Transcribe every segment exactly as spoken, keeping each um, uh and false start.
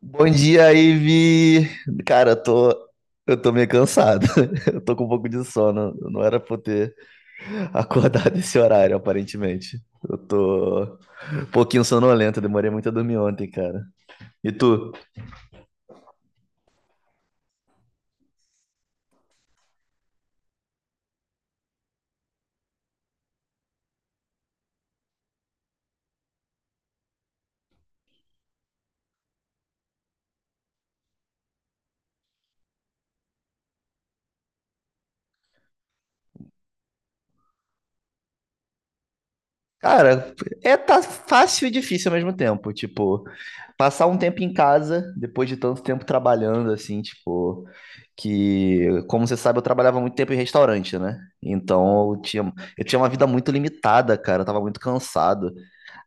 Bom dia, Ivi. Cara, eu tô, eu tô meio cansado. Eu tô com um pouco de sono. Não era pra eu ter acordado esse horário, aparentemente. Eu tô um pouquinho sonolento. Eu Demorei muito a dormir ontem, cara. E tu? Cara, é tá fácil e difícil ao mesmo tempo. Tipo, passar um tempo em casa, depois de tanto tempo trabalhando, assim, tipo, que, como você sabe, eu trabalhava muito tempo em restaurante, né? Então eu tinha, eu tinha uma vida muito limitada, cara, eu tava muito cansado.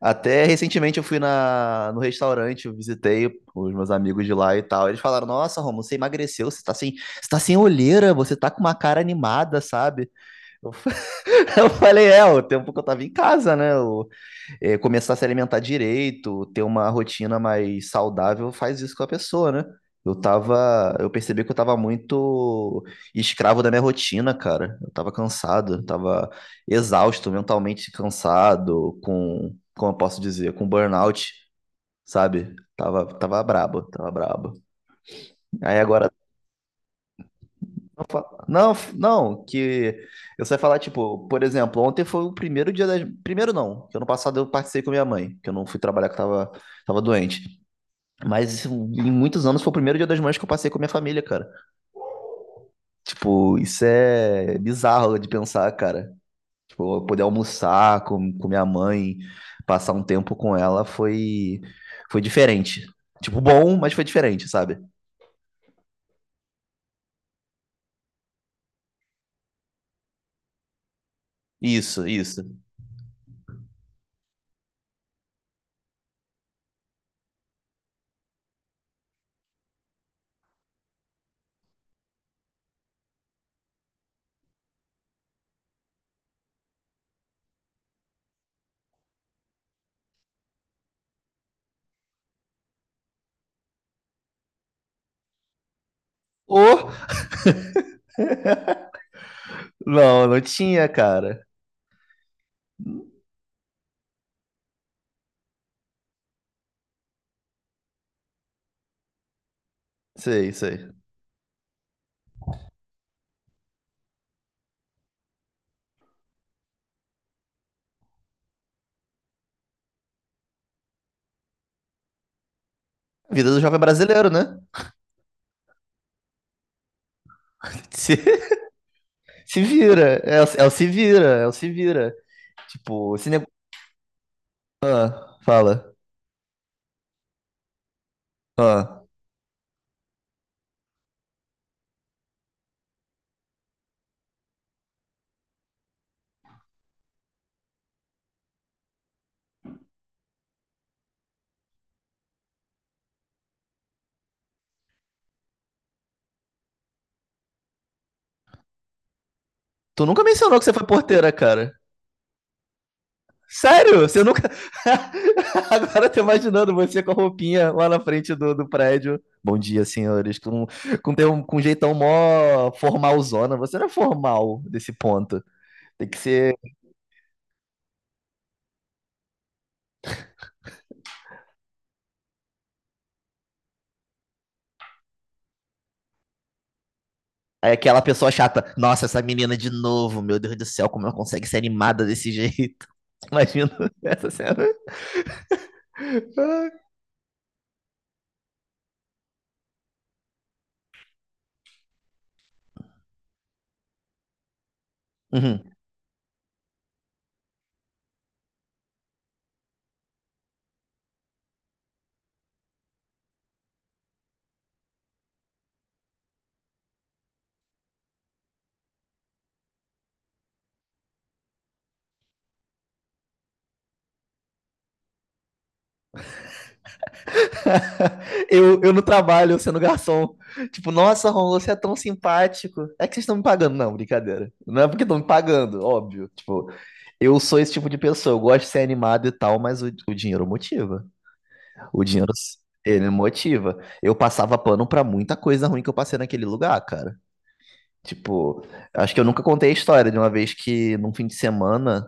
Até recentemente eu fui na, no restaurante, eu visitei os meus amigos de lá e tal. Eles falaram: Nossa, Romulo, você emagreceu, você tá sem, você tá sem olheira, você tá com uma cara animada, sabe? Eu, eu falei: É, o tempo que eu tava em casa, né? Eu é, começar a se alimentar direito, ter uma rotina mais saudável, faz isso com a pessoa, né? Eu tava, eu percebi que eu tava muito escravo da minha rotina, cara. Eu tava cansado, eu tava exausto, mentalmente cansado, com, como eu posso dizer, com burnout, sabe? Tava, tava brabo, tava brabo. Aí agora não, fa- não, f- não, que eu só ia falar, tipo, por exemplo, ontem foi o primeiro dia das. Primeiro não, que ano passado eu participei com minha mãe, que eu não fui trabalhar, que eu tava, tava doente. Mas isso, em muitos anos foi o primeiro Dia das Mães que eu passei com a minha família, cara. Tipo, isso é bizarro de pensar, cara. Tipo, eu poder almoçar com, com minha mãe, passar um tempo com ela foi, foi diferente. Tipo, bom, mas foi diferente, sabe? Isso, isso. Ô! Não, não tinha, cara. Sei, sei. A vida do jovem brasileiro, né? Se, se vira. É, o- é o se vira, é o se vira. Tipo, esse negócio. Ah, fala. Ah, tu nunca mencionou que você foi porteira, cara. Sério? Você nunca. Agora eu tô imaginando você com a roupinha lá na frente do, do prédio. Bom dia, senhores. Com, com, ter um, com um jeitão mó formalzona. Você não é formal desse ponto. Tem que ser aí aquela pessoa chata. Nossa, essa menina de novo. Meu Deus do céu, como ela consegue ser animada desse jeito? Imagino essa cena. Uhum. eu, eu no trabalho, sendo garçom. Tipo, nossa, Ron, você é tão simpático. É que vocês estão me pagando. Não, brincadeira. Não é porque estão me pagando, óbvio. Tipo, eu sou esse tipo de pessoa. Eu gosto de ser animado e tal, mas o, o dinheiro motiva. O dinheiro, ele motiva. Eu passava pano pra muita coisa ruim que eu passei naquele lugar, cara. Tipo, acho que eu nunca contei a história de uma vez que num fim de semana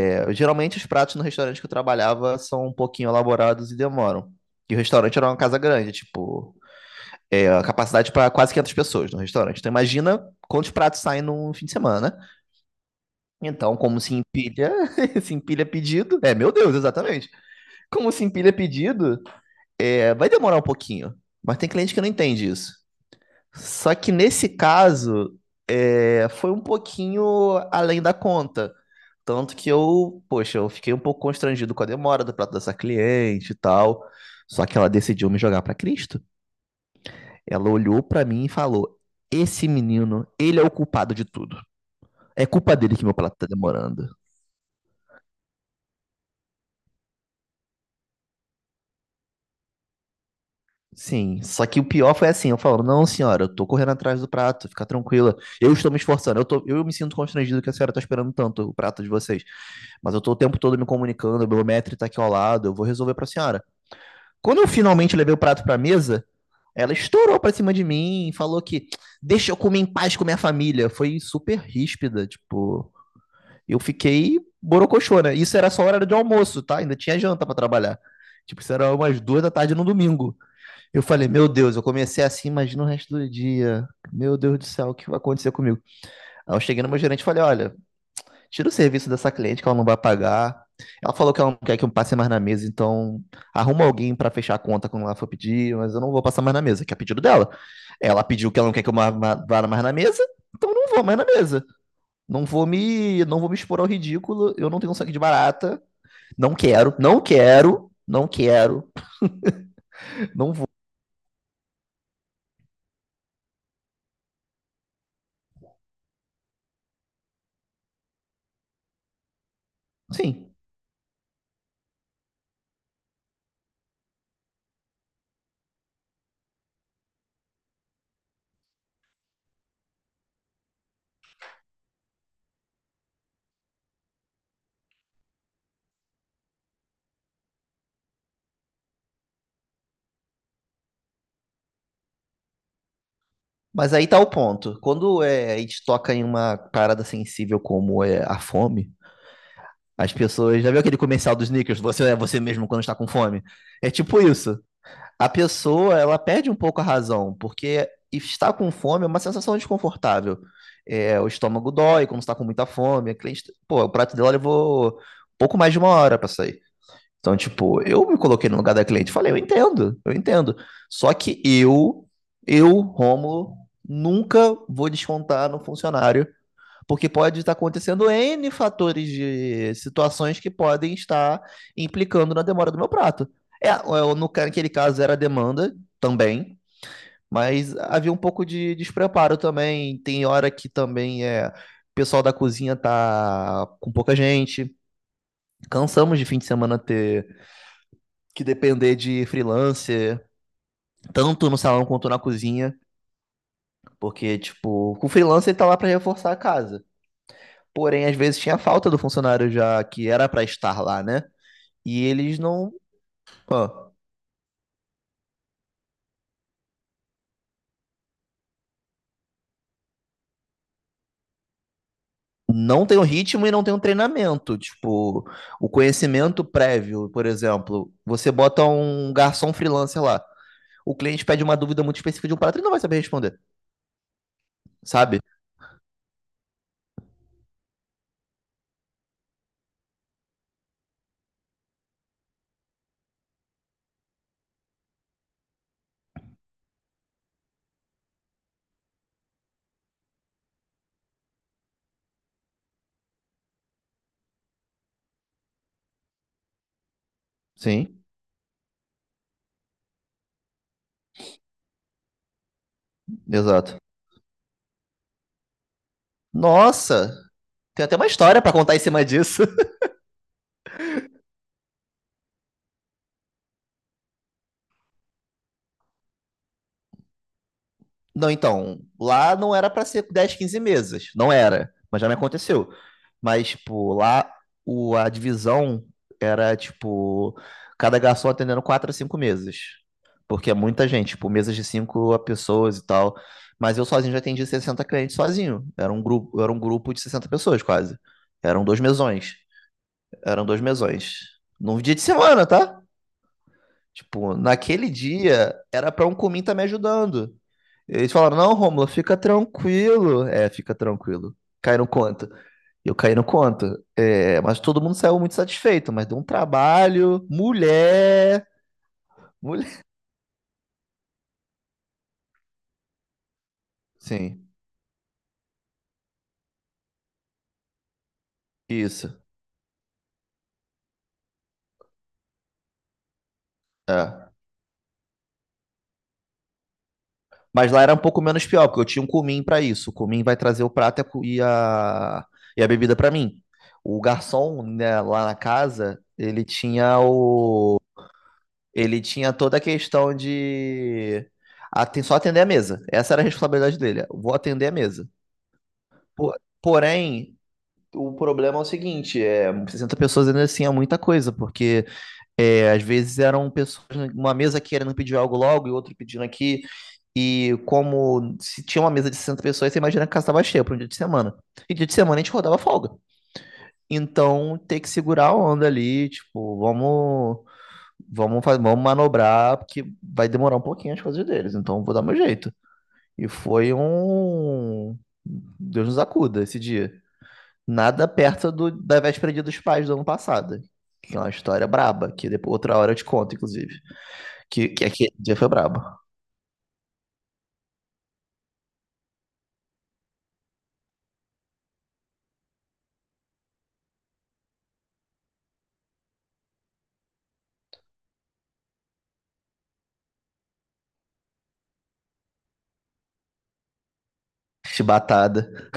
é, geralmente os pratos no restaurante que eu trabalhava são um pouquinho elaborados e demoram. E o restaurante era uma casa grande, tipo, é, a capacidade para quase quinhentas pessoas no restaurante. Então imagina quantos pratos saem num fim de semana. Né? Então, como se empilha, se empilha pedido. É, meu Deus, exatamente. Como se empilha pedido, é, vai demorar um pouquinho. Mas tem cliente que não entende isso. Só que nesse caso, é, foi um pouquinho além da conta. Tanto que eu, poxa, eu fiquei um pouco constrangido com a demora do prato dessa cliente e tal. Só que ela decidiu me jogar pra Cristo. Ela olhou pra mim e falou: Esse menino, ele é o culpado de tudo. É culpa dele que meu prato tá demorando. Sim, só que o pior foi assim, eu falo, não, senhora, eu tô correndo atrás do prato, fica tranquila. Eu estou me esforçando, eu tô, eu me sinto constrangido que a senhora tá esperando tanto o prato de vocês. Mas eu tô o tempo todo me comunicando, o Belmetri tá aqui ao lado, eu vou resolver pra senhora. Quando eu finalmente levei o prato pra mesa, ela estourou pra cima de mim e falou que deixa eu comer em paz com minha família. Foi super ríspida, tipo. Eu fiquei borocochô, né? Isso era só hora de almoço, tá? Ainda tinha janta pra trabalhar. Tipo, isso era umas duas da tarde no domingo. Eu falei, meu Deus, eu comecei assim, imagina o resto do dia. Meu Deus do céu, o que vai acontecer comigo? Aí eu cheguei no meu gerente e falei, olha, tira o serviço dessa cliente que ela não vai pagar. Ela falou que ela não quer que eu passe mais na mesa, então arruma alguém pra fechar a conta quando ela for pedir, mas eu não vou passar mais na mesa, que é pedido dela. Ela pediu que ela não quer que eu ma- ma- vá mais na mesa, então eu não vou mais na mesa. Não vou me, não vou me expor ao ridículo, eu não tenho sangue de barata, não quero, não quero, não quero, não vou. Sim. Mas aí tá o ponto. Quando é, a gente toca em uma parada sensível como é a fome, as pessoas. Já viu aquele comercial dos Snickers? Você é você mesmo quando está com fome? É tipo isso. A pessoa, ela perde um pouco a razão, porque estar com fome é uma sensação desconfortável. É, o estômago dói quando está com muita fome. A cliente, pô, o prato dela levou pouco mais de uma hora para sair. Então, tipo, eu me coloquei no lugar da cliente e falei, eu entendo, eu entendo. Só que eu, eu, Rômulo, nunca vou descontar no funcionário porque pode estar acontecendo N fatores de situações que podem estar implicando na demora do meu prato. É, no, ca- naquele caso era demanda também, mas havia um pouco de despreparo também. Tem hora que também é, o pessoal da cozinha tá com pouca gente. Cansamos de fim de semana ter que depender de freelancer, tanto no salão quanto na cozinha. Porque, tipo, com freelancer ele tá lá para reforçar a casa. Porém, às vezes tinha falta do funcionário já que era para estar lá, né? E eles não, ó, não tem o ritmo e não tem o treinamento. Tipo, o conhecimento prévio, por exemplo, você bota um garçom freelancer lá. O cliente pede uma dúvida muito específica de um prato, ele não vai saber responder, sabe? Sim, exato. Nossa, tem até uma história pra contar em cima disso. Não, então, lá não era pra ser dez, quinze mesas, não era, mas já me aconteceu. Mas, tipo, lá o, a divisão era, tipo, cada garçom atendendo quatro a cinco mesas. Porque é muita gente, tipo, mesas de cinco pessoas e tal. Mas eu sozinho já atendi sessenta clientes sozinho. Era um grupo, era um grupo de sessenta pessoas, quase. Eram dois mesões. Eram dois mesões. Num dia de semana, tá? Tipo, naquele dia era pra um cumim tá me ajudando. Eles falaram, não, Rômulo, fica tranquilo. É, fica tranquilo. Cai no conto. Eu caí no conto. É, mas todo mundo saiu muito satisfeito, mas deu um trabalho. Mulher. Mulher. Sim, isso. É. Mas lá era um pouco menos pior, porque eu tinha um cumim pra isso. O cumim vai trazer o prato e a, cu- e a, e a bebida pra mim. O garçom, né, lá na casa, ele tinha o ele tinha toda a questão de aten- só atender a mesa. Essa era a responsabilidade dele. Vou atender a mesa. Po- Porém, o problema é o seguinte, é, sessenta pessoas ainda assim é muita coisa, porque é, às vezes eram pessoas numa mesa querendo pedir algo logo e outro pedindo aqui. E como se tinha uma mesa de sessenta pessoas, você imagina que a casa estava cheia para um dia de semana. E dia de semana a gente rodava folga. Então, ter que segurar a onda ali, tipo, vamos Vamos, fa- vamos manobrar, porque vai demorar um pouquinho as coisas deles, então vou dar meu jeito. E foi um. Deus nos acuda esse dia. Nada perto do, da véspera Dia dos Pais do ano passado. Que é uma história braba, que depois outra hora eu te conto, inclusive. Que, que aquele dia foi brabo. Chibatada.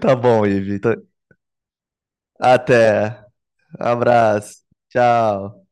Tá bom, Ivi. Tá- Até. Abraço. Tchau.